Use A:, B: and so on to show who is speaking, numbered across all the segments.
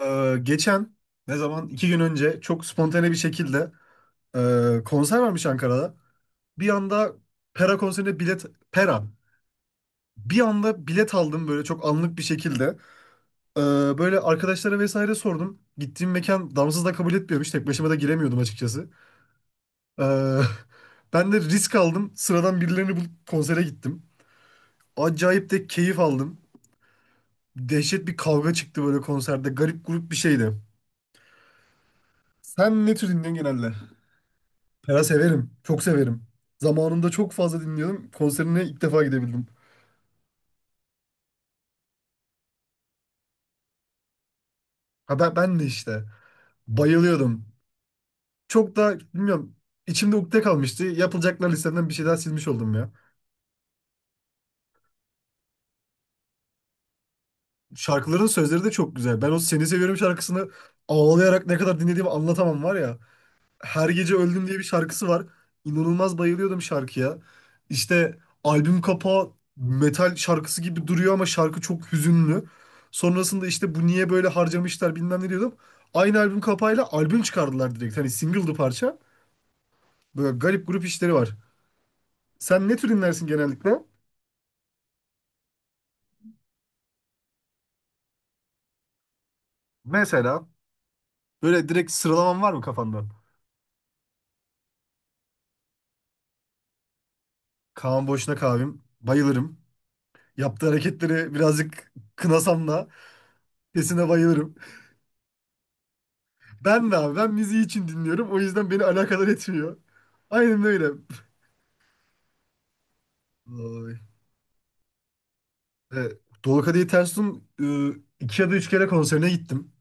A: Geçen ne zaman iki gün önce çok spontane bir şekilde konser varmış Ankara'da. Bir anda Pera konserine bilet Pera, bir anda bilet aldım böyle çok anlık bir şekilde. Ee, Böyle arkadaşlara vesaire sordum. Gittiğim mekan damsız da kabul etmiyormuş. Tek başıma da giremiyordum açıkçası. Ee, Ben de risk aldım. Sıradan birilerini bulup konsere gittim. Acayip de keyif aldım. Dehşet bir kavga çıktı böyle konserde. Garip grup bir şeydi. Sen ne tür dinliyorsun genelde? Pera severim. Çok severim. Zamanında çok fazla dinliyordum. Konserine ilk defa gidebildim. Ha ben de işte. Bayılıyordum. Çok da bilmiyorum. İçimde ukde kalmıştı. Yapılacaklar listemden bir şey daha silmiş oldum ya. Şarkıların sözleri de çok güzel. Ben o Seni Seviyorum şarkısını ağlayarak ne kadar dinlediğimi anlatamam var ya. Her Gece Öldüm diye bir şarkısı var. İnanılmaz bayılıyordum şarkıya. İşte albüm kapağı metal şarkısı gibi duruyor ama şarkı çok hüzünlü. Sonrasında işte bu niye böyle harcamışlar bilmem ne diyordum. Aynı albüm kapağıyla albüm çıkardılar direkt. Hani single'dı parça. Böyle garip grup işleri var. Sen ne tür dinlersin genellikle? Mesela böyle direkt sıralaman var mı kafanda? Kaan Boşuna Kavim. Bayılırım. Yaptığı hareketleri birazcık kınasam da sesine bayılırım. Ben de abi ben müziği için dinliyorum. O yüzden beni alakadar etmiyor. Aynen öyle. Ay. Evet. Dolu Kadehi Ters Tut'un iki ya da üç kere konserine gittim.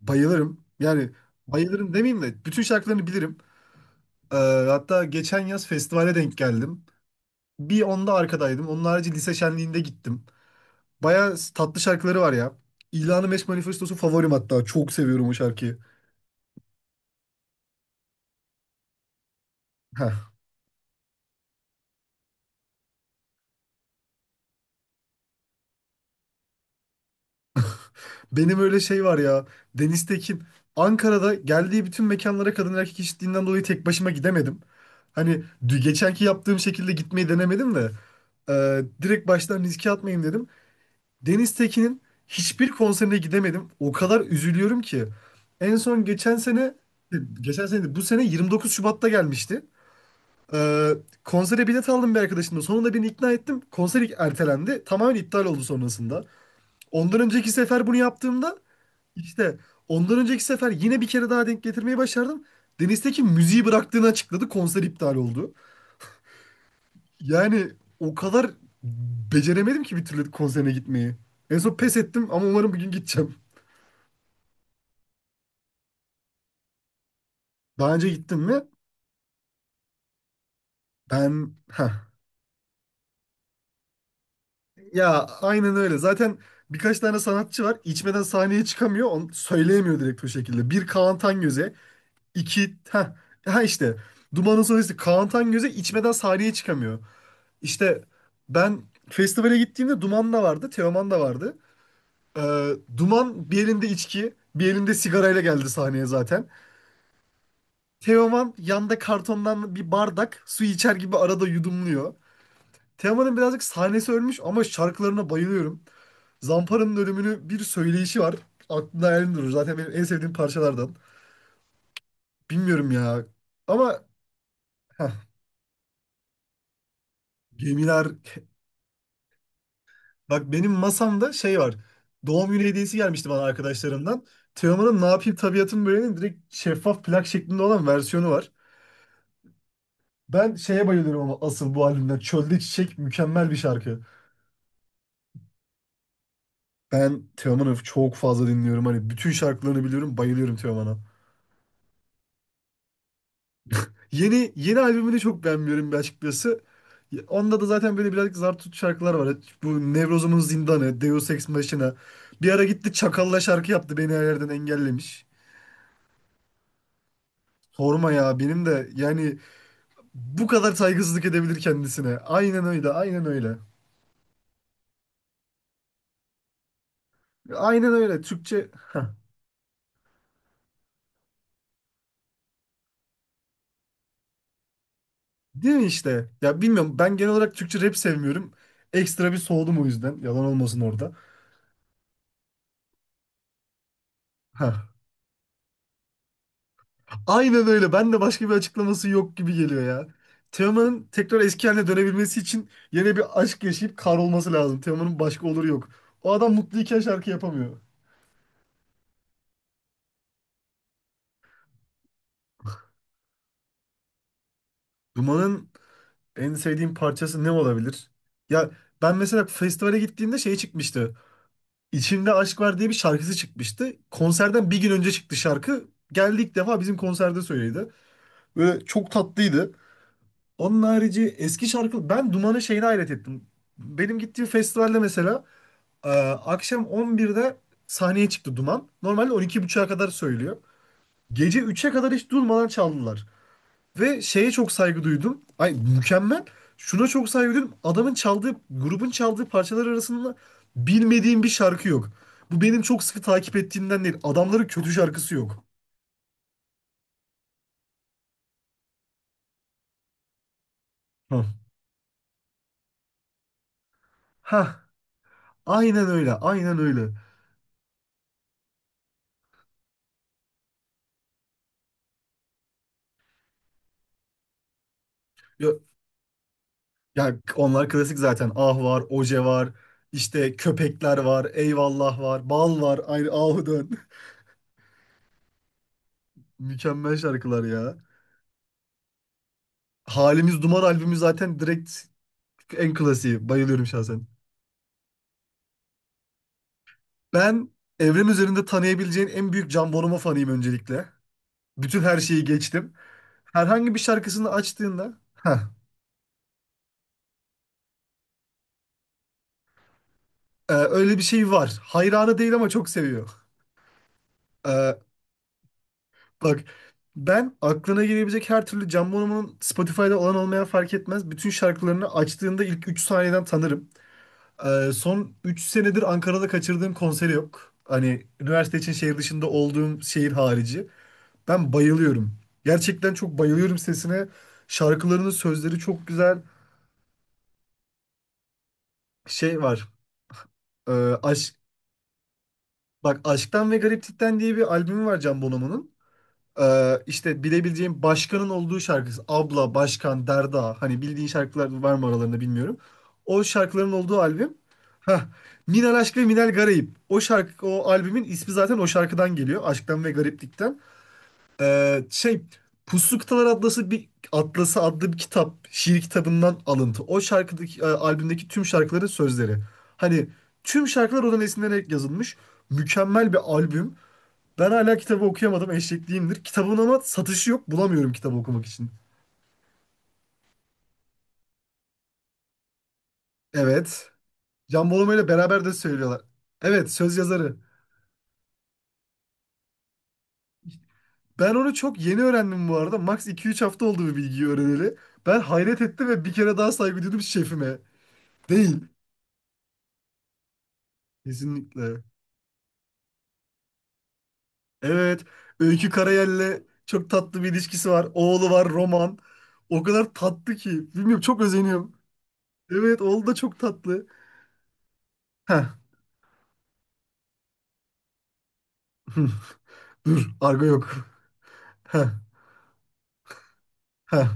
A: Bayılırım. Yani bayılırım demeyeyim de bütün şarkılarını bilirim. Ee, Hatta geçen yaz festivale denk geldim. Bir onda arkadaydım. Onun harici lise şenliğinde gittim. Baya tatlı şarkıları var ya. İlanı Meşk Manifestosu favorim hatta. Çok seviyorum o şarkıyı. Heh. Benim öyle şey var ya. Deniz Tekin. Ankara'da geldiği bütün mekanlara kadın erkek eşitliğinden dolayı tek başıma gidemedim. Hani geçenki yaptığım şekilde gitmeyi denemedim de. Direkt baştan riske atmayayım dedim. Deniz Tekin'in hiçbir konserine gidemedim. O kadar üzülüyorum ki. En son geçen sene, geçen sene değil, bu sene 29 Şubat'ta gelmişti. E, Konsere bilet aldım bir arkadaşımla. Sonunda beni ikna ettim. Konser ertelendi. Tamamen iptal oldu sonrasında. Ondan önceki sefer bunu yaptığımda işte ondan önceki sefer yine bir kere daha denk getirmeyi başardım. Deniz Tekin müziği bıraktığını açıkladı. Konser iptal oldu. Yani o kadar beceremedim ki bir türlü konserine gitmeyi. En son pes ettim ama umarım bugün gideceğim. Daha önce gittim mi? Ben... Heh. Ya aynen öyle. Zaten birkaç tane sanatçı var. İçmeden sahneye çıkamıyor. Onu söyleyemiyor direkt o şekilde. Bir Kaan Tangöze. İki... Heh. Ha işte. Duman'ın solisti Kaan Tangöze içmeden sahneye çıkamıyor. İşte ben festivale gittiğimde Duman da vardı, Teoman da vardı. Duman bir elinde içki, bir elinde sigarayla geldi sahneye zaten. Teoman yanda kartondan bir bardak su içer gibi arada yudumluyor. Teoman'ın birazcık sahnesi ölmüş ama şarkılarına bayılıyorum. Zampara'nın ölümünü bir söyleyişi var. Aklımda hayalim durur. Zaten benim en sevdiğim parçalardan. Bilmiyorum ya. Ama heh, gemiler. Bak benim masamda şey var. Doğum günü hediyesi gelmişti bana arkadaşlarımdan. Teoman'ın Ne Yapayım Tabiatım Böyle'nin direkt şeffaf plak şeklinde olan versiyonu var. Ben şeye bayılıyorum ama asıl bu albümden. Çölde Çiçek mükemmel bir şarkı. Ben Teoman'ı çok fazla dinliyorum. Hani bütün şarkılarını biliyorum. Bayılıyorum Teoman'a. Yeni yeni albümünü çok beğenmiyorum bir açıkçası. Onda da zaten böyle birazcık zar tut şarkılar var. Bu Nevrozum'un Zindanı, Deus Ex Machina. Bir ara gitti Çakal'la şarkı yaptı. Beni her yerden engellemiş. Sorma ya benim de yani bu kadar saygısızlık edebilir kendisine. Aynen öyle, aynen öyle. Aynen öyle. Türkçe değil mi işte? Ya bilmiyorum ben genel olarak Türkçe rap sevmiyorum. Ekstra bir soğudum o yüzden. Yalan olmasın orada. Heh. Aynen öyle. Ben de başka bir açıklaması yok gibi geliyor ya. Teoman'ın tekrar eski haline dönebilmesi için yine bir aşk yaşayıp kar olması lazım. Teoman'ın başka oluru yok. O adam mutluyken şarkı yapamıyor. Duman'ın en sevdiğim parçası ne olabilir? Ya ben mesela festivale gittiğimde şey çıkmıştı. İçimde Aşk Var diye bir şarkısı çıkmıştı. Konserden bir gün önce çıktı şarkı. Geldi ilk defa bizim konserde söyledi. Böyle çok tatlıydı. Onun harici eski şarkı... Ben Duman'ın şeyine hayret ettim. Benim gittiğim festivalde mesela akşam 11'de sahneye çıktı Duman. Normalde 12:30'a kadar söylüyor. Gece 3'e kadar hiç durmadan çaldılar. Ve şeye çok saygı duydum. Ay mükemmel. Şuna çok saygı duydum. Adamın çaldığı, grubun çaldığı parçalar arasında bilmediğim bir şarkı yok. Bu benim çok sıkı takip ettiğimden değil. Adamların kötü şarkısı yok. Hah. Hah. Aynen öyle. Aynen öyle. Ya, ya onlar klasik zaten. Ah var, Oje var. İşte köpekler var. Eyvallah var. Bal var. Ayrı ahu dön. Mükemmel şarkılar ya. Halimiz Duman albümü zaten direkt en klasiği. Bayılıyorum şahsen. Ben evren üzerinde tanıyabileceğin en büyük Can Bonomo fanıyım öncelikle. Bütün her şeyi geçtim. Herhangi bir şarkısını açtığında heh, öyle bir şey var. Hayranı değil ama çok seviyor. E, Bak ben aklına gelebilecek her türlü Can Bonomo'nun Spotify'da olan olmayan fark etmez. Bütün şarkılarını açtığında ilk 3 saniyeden tanırım. Son 3 senedir Ankara'da kaçırdığım konseri yok. Hani üniversite için şehir dışında olduğum şehir harici. Ben bayılıyorum. Gerçekten çok bayılıyorum sesine. Şarkılarının sözleri çok güzel. Şey var. Ee, Aşk, bak Aşktan ve Gariplikten diye bir albümü var Can Bonomo'nun. İşte bilebileceğim Başkan'ın olduğu şarkısı. Abla, Başkan, Derda. Hani bildiğin şarkılar var mı aralarında bilmiyorum. O şarkıların olduğu albüm. Heh. Minel Aşk ve Minel Garip. O şarkı, o albümün ismi zaten o şarkıdan geliyor. Aşktan ve Gariplikten. Şey Puslu Kıtalar Atlası bir Atlası adlı bir kitap, şiir kitabından alıntı. O şarkıdaki albümdeki tüm şarkıların sözleri. Hani tüm şarkılar oradan esinlenerek yazılmış. Mükemmel bir albüm. Ben hala kitabı okuyamadım, eşekliyimdir. Kitabın ama satışı yok. Bulamıyorum kitabı okumak için. Evet. Can Bonomo ile beraber de söylüyorlar. Evet, söz yazarı. Ben onu çok yeni öğrendim bu arada. Max iki üç hafta oldu bu bilgiyi öğreneli. Ben hayret ettim ve bir kere daha saygı duydum şefime. Değil. Kesinlikle. Evet. Öykü Karayel'le çok tatlı bir ilişkisi var. Oğlu var Roman. O kadar tatlı ki. Bilmiyorum çok özeniyorum. Evet oğlu da çok tatlı. Heh. Hı. Dur. Argo yok. Heh. Heh.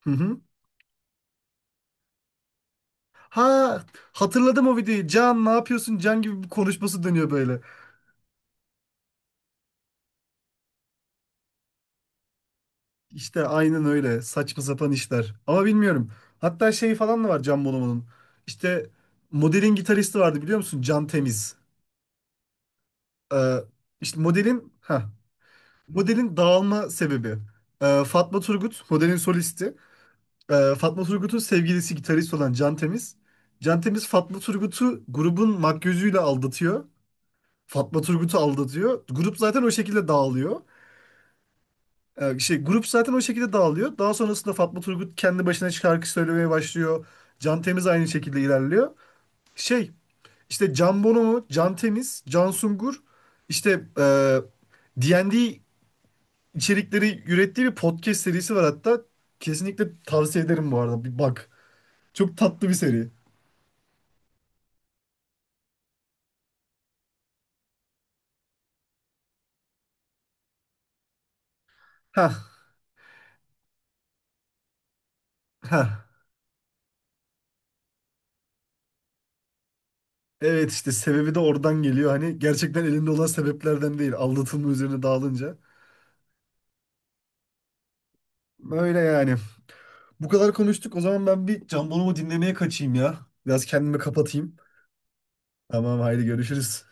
A: Hı hı. Ha hatırladım o videoyu. Can ne yapıyorsun? Can gibi bir konuşması dönüyor böyle. İşte aynen öyle. Saçma sapan işler. Ama bilmiyorum. Hatta şey falan da var Can Bonomo'nun. İşte modelin gitaristi vardı biliyor musun? Can Temiz. Ee, işte modelin... Heh. Modelin dağılma sebebi. Fatma Turgut, modelin solisti. Fatma Turgut'un sevgilisi gitarist olan Can Temiz. Can Temiz Fatma Turgut'u grubun makyözüyle aldatıyor. Fatma Turgut'u aldatıyor. Grup zaten o şekilde dağılıyor. Grup zaten o şekilde dağılıyor. Daha sonrasında Fatma Turgut kendi başına şarkı söylemeye başlıyor. Can Temiz aynı şekilde ilerliyor. Şey, işte Can Bonomo, Can Temiz, Can Sungur, işte e, D&D içerikleri ürettiği bir podcast serisi var hatta. Kesinlikle tavsiye ederim bu arada. Bir bak. Çok tatlı bir seri. Ha ha. Evet işte sebebi de oradan geliyor. Hani gerçekten elinde olan sebeplerden değil. Aldatılma üzerine dağılınca. Öyle yani. Bu kadar konuştuk. O zaman ben bir Can Bonomo dinlemeye kaçayım ya. Biraz kendimi kapatayım. Tamam haydi görüşürüz.